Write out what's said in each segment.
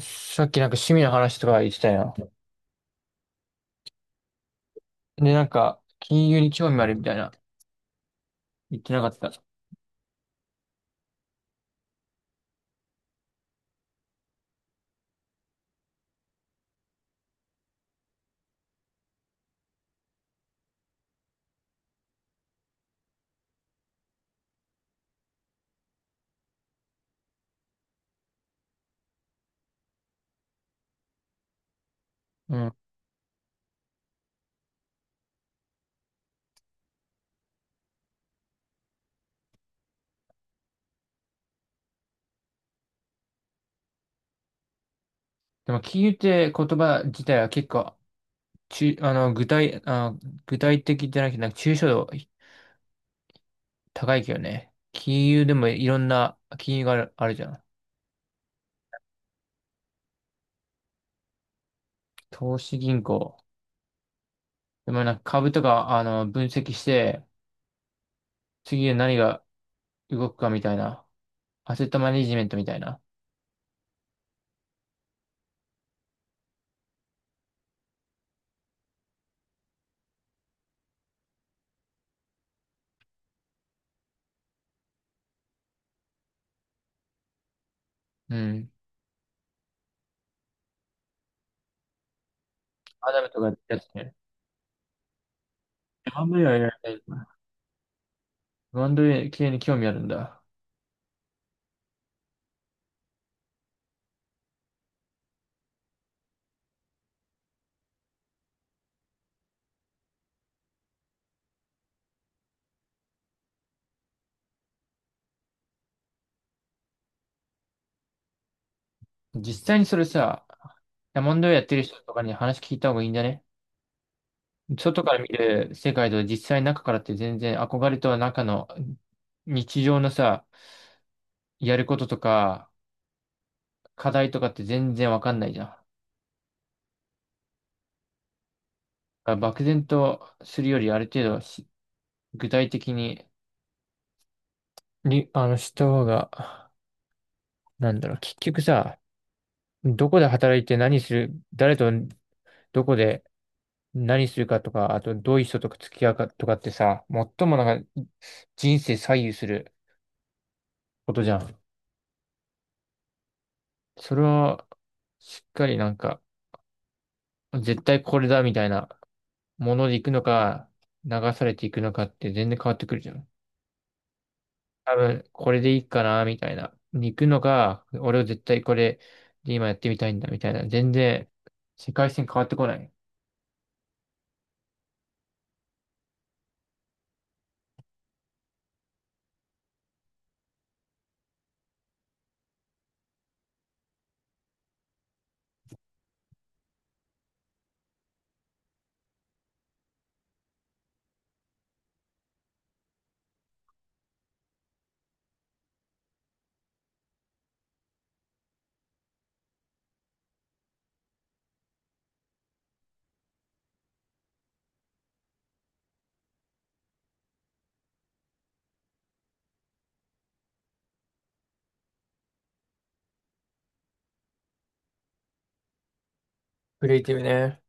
さっきなんか趣味の話とか言ってたやん。で、なんか、金融に興味あるみたいな言ってなかった。うん。でも、金融って言葉自体は結構、ちあの、具体、あ、具体的じゃなくて、なんか抽象度高いけどね。金融でもいろんな金融があるじゃん。投資銀行。でもなんか株とか、分析して、次で何が動くかみたいな。アセットマネジメントみたいな。うん。アダムとかやってたよね。あんまりはやらない。バンド系に興味あるんだ。実際にそれさ、ダモンドやってる人とかに話聞いた方がいいんじゃね？外から見る世界と実際中からって全然憧れと中の日常のさ、やることとか課題とかって全然わかんないじゃん。だから漠然とするよりある程度具体的に、した方が、なんだろう、結局さ、どこで働いて何する、誰とどこで何するかとか、あとどういう人と付き合うかとかってさ、最もなんか人生左右することじゃん。それは、しっかりなんか、絶対これだみたいなもので行くのか、流されていくのかって全然変わってくるじゃん。多分、これでいいかなみたいなに行くのか、俺は絶対これで今やってみたいんだみたいな。全然、世界線変わってこない。クリエイティブね。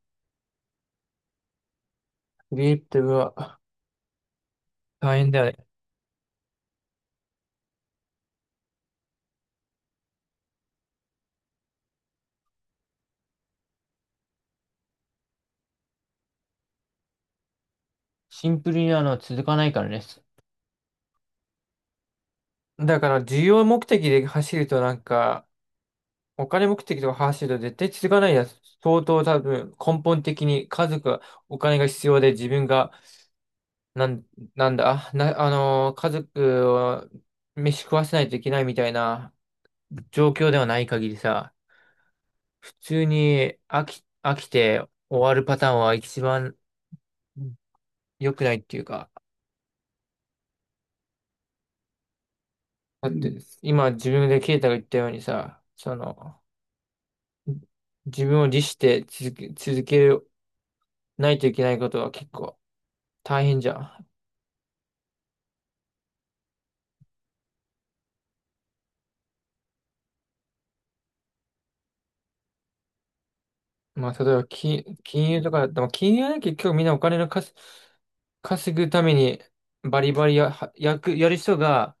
クリエイティブは大変だよね。シンプルに続かないからね。だから、需要目的で走るとなんか、お金目的とか走ると絶対続かないやつ。相当多分根本的に家族はお金が必要で自分がなん、なんだ、な、あのー家族を飯食わせないといけないみたいな状況ではない限りさ、普通に飽きて終わるパターンは一番良くないっていうか、だって今自分でケイタが言ったようにさ、その、自分を律して続けないといけないことは結構大変じゃん。まあ、例えば、金融とかだったら、まあ金融はね、結局みんなお金の稼ぐために、バリバリや、はやく、やる人が、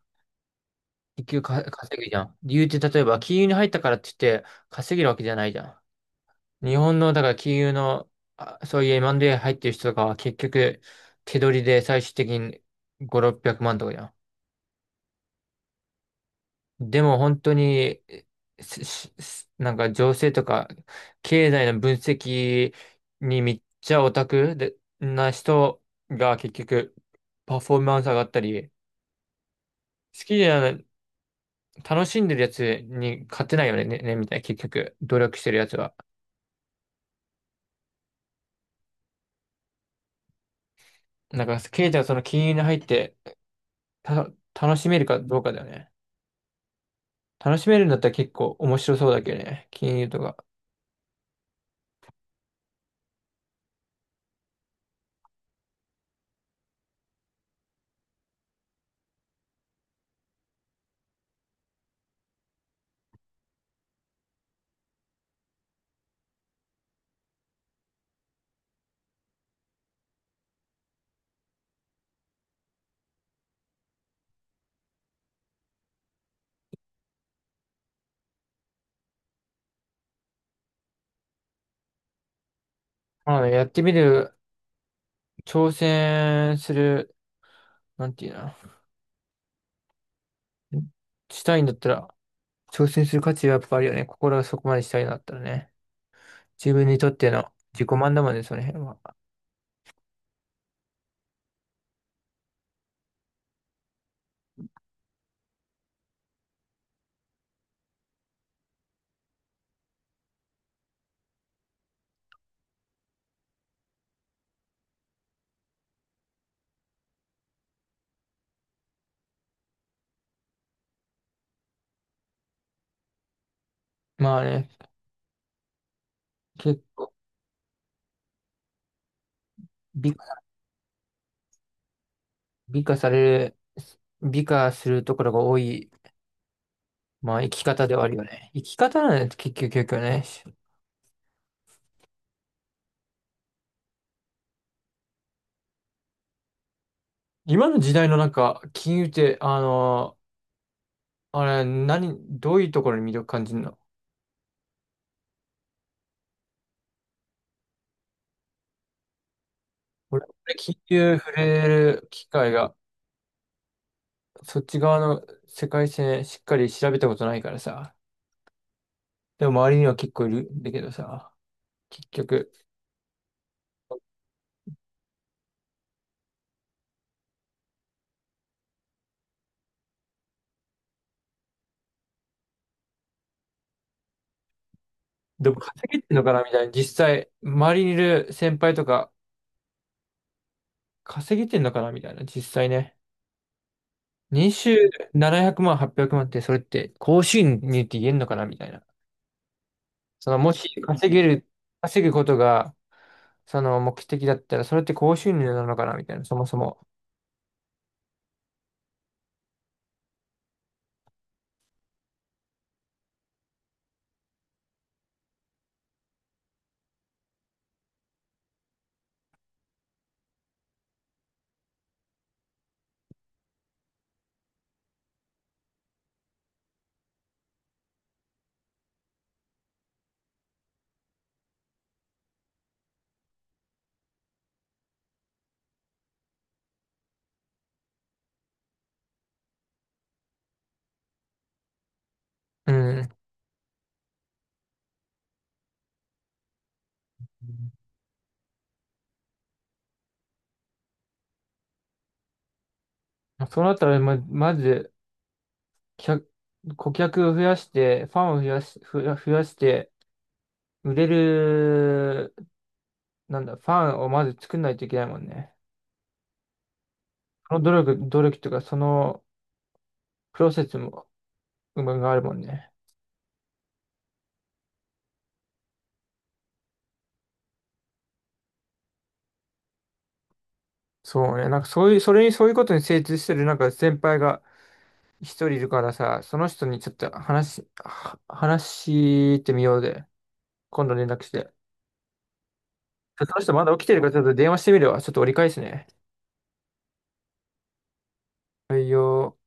結局稼ぐじゃん。理由って、例えば、金融に入ったからって言って、稼げるわけじゃないじゃん。日本の、だから金融の、そういう M&A 入ってる人とかは、結局、手取りで最終的に5、600万とかじゃん。でも本当に、しししなんか情勢とか経済の分析にめっちゃオタクでな人が結局パフォーマンス上がったり、好きじゃない、楽しんでるやつに勝てないよね、ね、ねみたいな結局努力してるやつは。なんか経済はその金融に入ってた楽しめるかどうかだよね。楽しめるんだったら結構面白そうだけどね、金融とか。まあね、やってみる、挑戦する、なんていうの。したいんだったら、挑戦する価値はやっぱあるよね。心がそこまでしたいんだったらね。自分にとっての自己満だもんね、その辺は。まあね、結構美、美化される、美化するところが多い、まあ生き方ではあるよね。生き方なんです、結局ね。今の時代のなんか、金融って、あのあれ、何、どういうところに魅力感じるの？俺、金融触れる機会が、そっち側の世界線しっかり調べたことないからさ。でも周りには結構いるんだけどさ、結局、でも稼げてんのかなみたいな、実際、周りにいる先輩とか、稼げてんのかなみたいな、実際ね。年収700万、800万って、それって、高収入って言えんのかなみたいな。その、もし稼げる、稼ぐことが、その目的だったら、それって高収入なのかなみたいな、そもそも。うん。そうなったら、まず、客、顧客を増やして、ファンを増やして、売れる、なんだ、ファンをまず作んないといけないもんね。その努力とか、そのプロセスも、うまがあるもんね。そうね。なんかそういう、それに、そういうことに精通してる、なんか先輩が一人いるからさ、その人にちょっと話してみようで。今度連絡して。ちょっとその人まだ起きてるから、ちょっと電話してみるわ。ちょっと折り返すね。はいよ。